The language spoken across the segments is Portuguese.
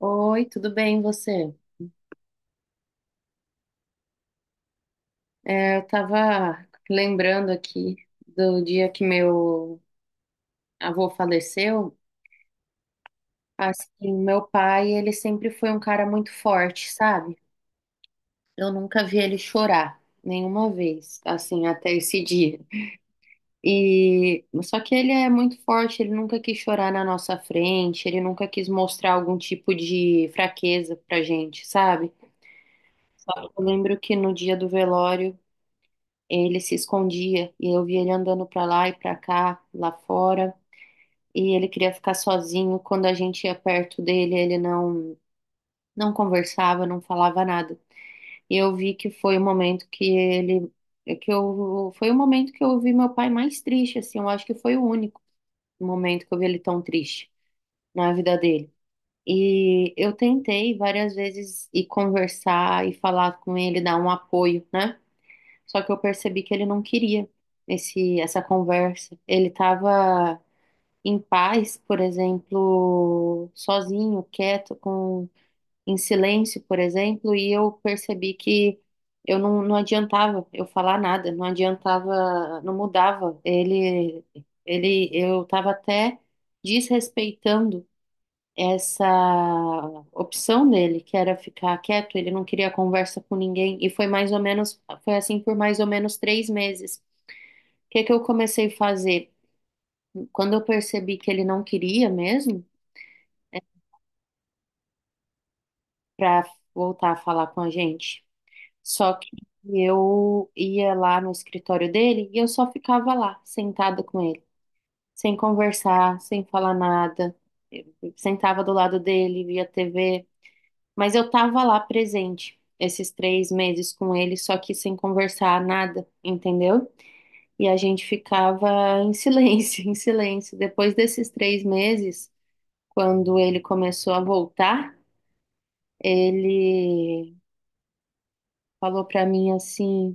Oi, tudo bem, e você? É, eu tava lembrando aqui do dia que meu avô faleceu. Assim, meu pai, ele sempre foi um cara muito forte, sabe? Eu nunca vi ele chorar, nenhuma vez, assim, até esse dia. E só que ele é muito forte, ele nunca quis chorar na nossa frente, ele nunca quis mostrar algum tipo de fraqueza pra gente, sabe? Só que eu lembro que no dia do velório ele se escondia e eu via ele andando para lá e para cá, lá fora, e ele queria ficar sozinho. Quando a gente ia perto dele, ele não conversava, não falava nada. E eu vi que foi o momento que eu foi o momento que eu vi meu pai mais triste, assim, eu acho que foi o único momento que eu vi ele tão triste na vida dele. E eu tentei várias vezes ir conversar e falar com ele, dar um apoio, né? Só que eu percebi que ele não queria essa conversa. Ele estava em paz, por exemplo, sozinho, quieto, em silêncio, por exemplo, e eu percebi que eu não, não adiantava eu falar nada, não adiantava, não mudava. Eu estava até desrespeitando essa opção dele, que era ficar quieto, ele não queria conversa com ninguém, e foi mais ou menos, foi assim por mais ou menos 3 meses. O que que eu comecei a fazer? Quando eu percebi que ele não queria mesmo, para voltar a falar com a gente, só que eu ia lá no escritório dele e eu só ficava lá, sentada com ele, sem conversar, sem falar nada. Eu sentava do lado dele, via TV. Mas eu tava lá presente esses 3 meses com ele, só que sem conversar nada, entendeu? E a gente ficava em silêncio, em silêncio. Depois desses 3 meses, quando ele começou a voltar, ele falou pra mim assim: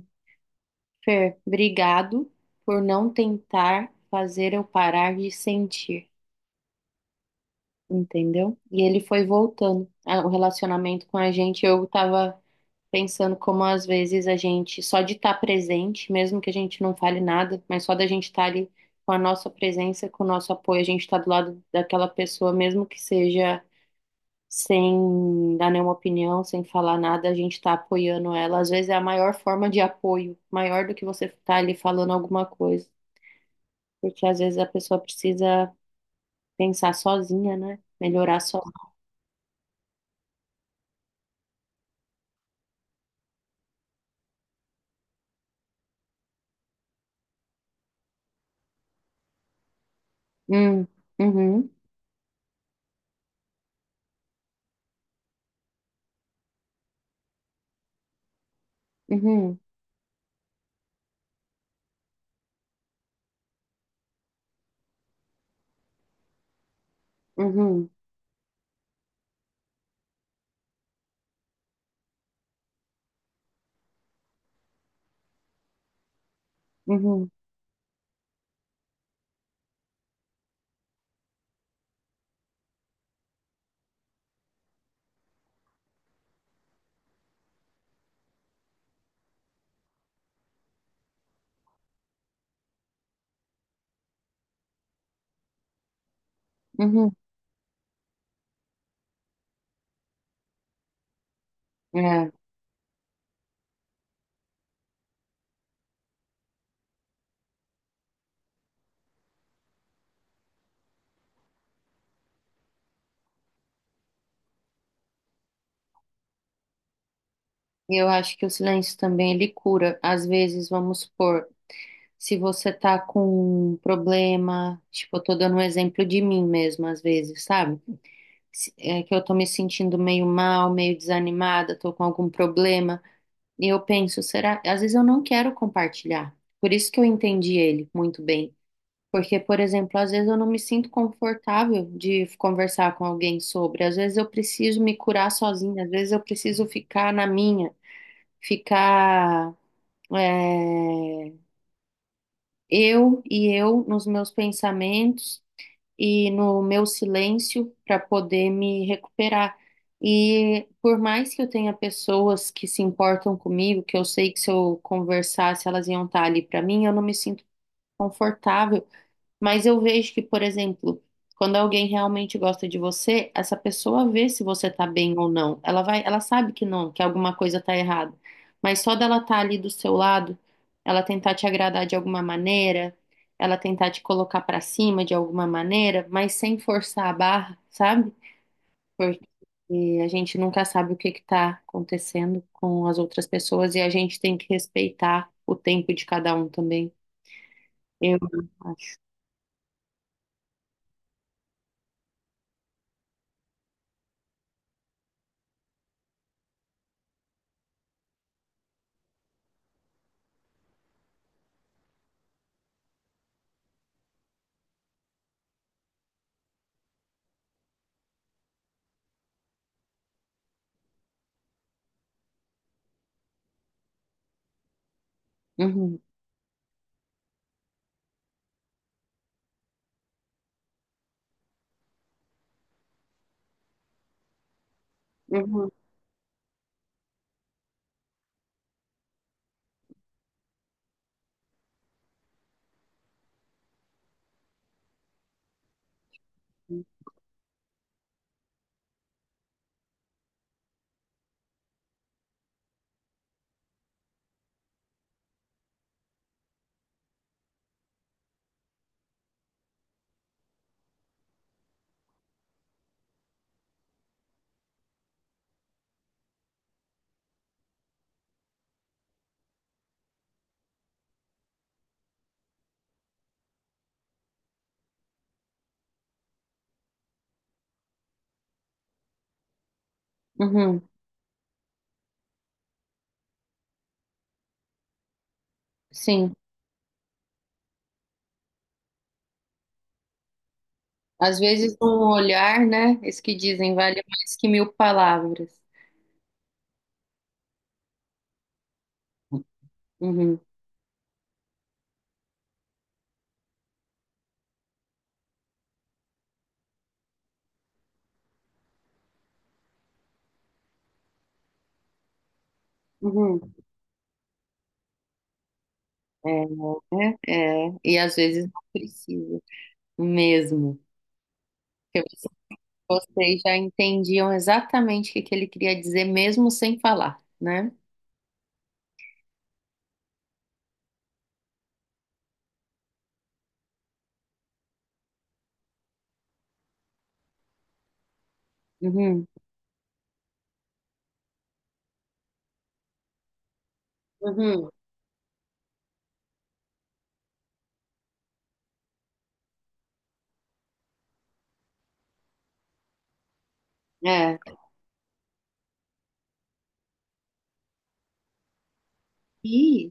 Fer, obrigado por não tentar fazer eu parar de sentir, entendeu? E ele foi voltando. Ah, o relacionamento com a gente, eu tava pensando como às vezes a gente, só de estar presente, mesmo que a gente não fale nada, mas só da gente estar ali com a nossa presença, com o nosso apoio, a gente está do lado daquela pessoa, mesmo que seja sem dar nenhuma opinião, sem falar nada, a gente está apoiando ela. Às vezes é a maior forma de apoio, maior do que você estar ali falando alguma coisa, porque às vezes a pessoa precisa pensar sozinha, né? Melhorar só. Hum, uhum, uhum, uhum, uhum, uhum. É. E eu acho que o silêncio também ele cura. Às vezes, vamos supor, se você tá com um problema, tipo, eu tô dando um exemplo de mim mesma, às vezes, sabe? É que eu tô me sentindo meio mal, meio desanimada, tô com algum problema. E eu penso, será? Às vezes eu não quero compartilhar. Por isso que eu entendi ele muito bem. Porque, por exemplo, às vezes eu não me sinto confortável de conversar com alguém sobre. Às vezes eu preciso me curar sozinha, às vezes eu preciso ficar na minha, ficar. É, eu nos meus pensamentos e no meu silêncio para poder me recuperar. E por mais que eu tenha pessoas que se importam comigo, que eu sei que se eu conversasse elas iam estar ali para mim, eu não me sinto confortável mas eu vejo que, por exemplo, quando alguém realmente gosta de você, essa pessoa vê se você tá bem ou não. Ela vai, ela sabe que não, que alguma coisa tá errada. Mas só dela estar ali do seu lado, ela tentar te agradar de alguma maneira, ela tentar te colocar pra cima de alguma maneira, mas sem forçar a barra, sabe? Porque a gente nunca sabe o que que tá acontecendo com as outras pessoas e a gente tem que respeitar o tempo de cada um também, eu acho. Uhum. Uhum. Uhum, sim. Às vezes um olhar, né? Isso que dizem vale mais que mil palavras. Uhum, uhum. É, né? É. E às vezes não precisa mesmo. Porque vocês já entendiam exatamente o que que ele queria dizer, mesmo sem falar, né? Uhum, uhum. É. E,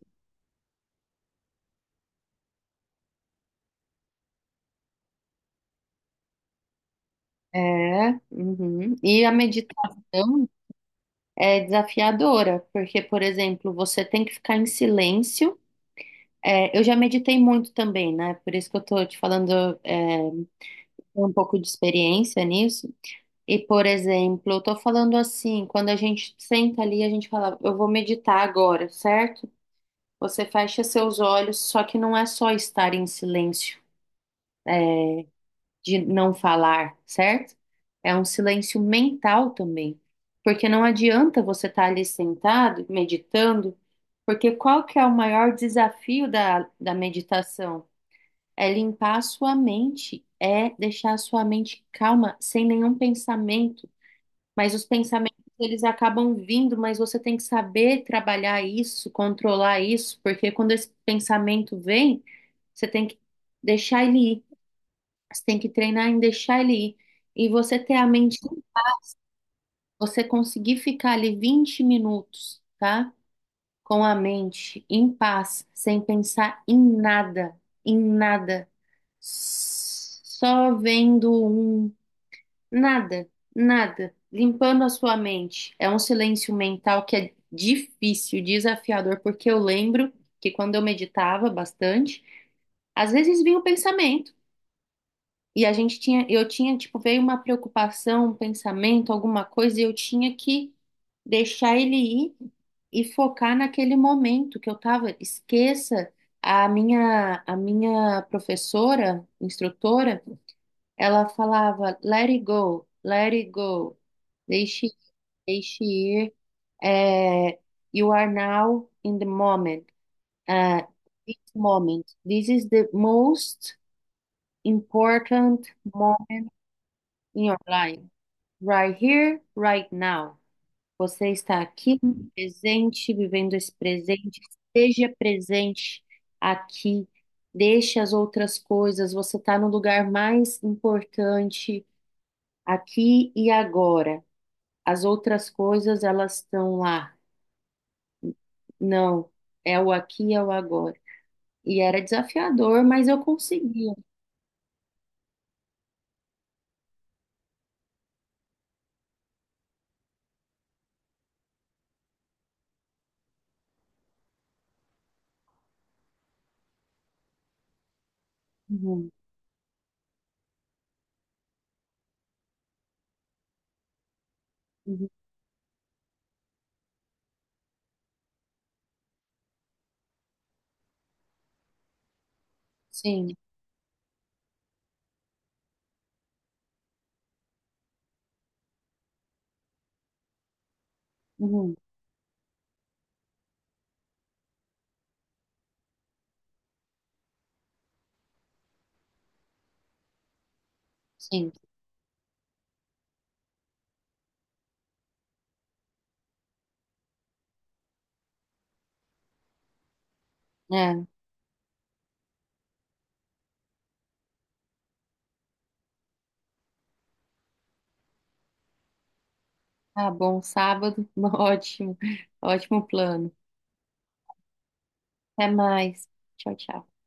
é, uhum. E a meditação é desafiadora, porque, por exemplo, você tem que ficar em silêncio. É, eu já meditei muito também, né? Por isso que eu tô te falando um pouco de experiência nisso. E, por exemplo, eu tô falando assim, quando a gente senta ali, a gente fala, eu vou meditar agora, certo? Você fecha seus olhos, só que não é só estar em silêncio, de não falar, certo? É um silêncio mental também. Porque não adianta você estar ali sentado, meditando, porque qual que é o maior desafio da meditação? É limpar a sua mente, é deixar a sua mente calma, sem nenhum pensamento. Mas os pensamentos, eles acabam vindo, mas você tem que saber trabalhar isso, controlar isso, porque quando esse pensamento vem, você tem que deixar ele ir. Você tem que treinar em deixar ele ir. E você ter a mente, você conseguir ficar ali 20 minutos, tá? Com a mente em paz, sem pensar em nada, em nada. Só vendo um nada, nada, limpando a sua mente. É um silêncio mental que é difícil, desafiador, porque eu lembro que quando eu meditava bastante, às vezes vinha o pensamento e a gente tinha, eu tinha, tipo, veio uma preocupação, um pensamento, alguma coisa, e eu tinha que deixar ele ir e focar naquele momento que eu tava. Esqueça a minha professora, instrutora ela falava, let it go, deixe, deixe ir, é, you are now in the moment, é, this moment, this is the most important moment in your life, right here, right now. Você está aqui, no presente, vivendo esse presente, seja presente aqui, deixe as outras coisas, você está no lugar mais importante aqui e agora. As outras coisas, elas estão lá. Não, é o aqui, é o agora. E era desafiador, mas eu conseguia. Uhum, uhum. Sim, uhum, sim. É, tá bom, sábado, ótimo, ótimo plano. Até mais. Tchau, tchau.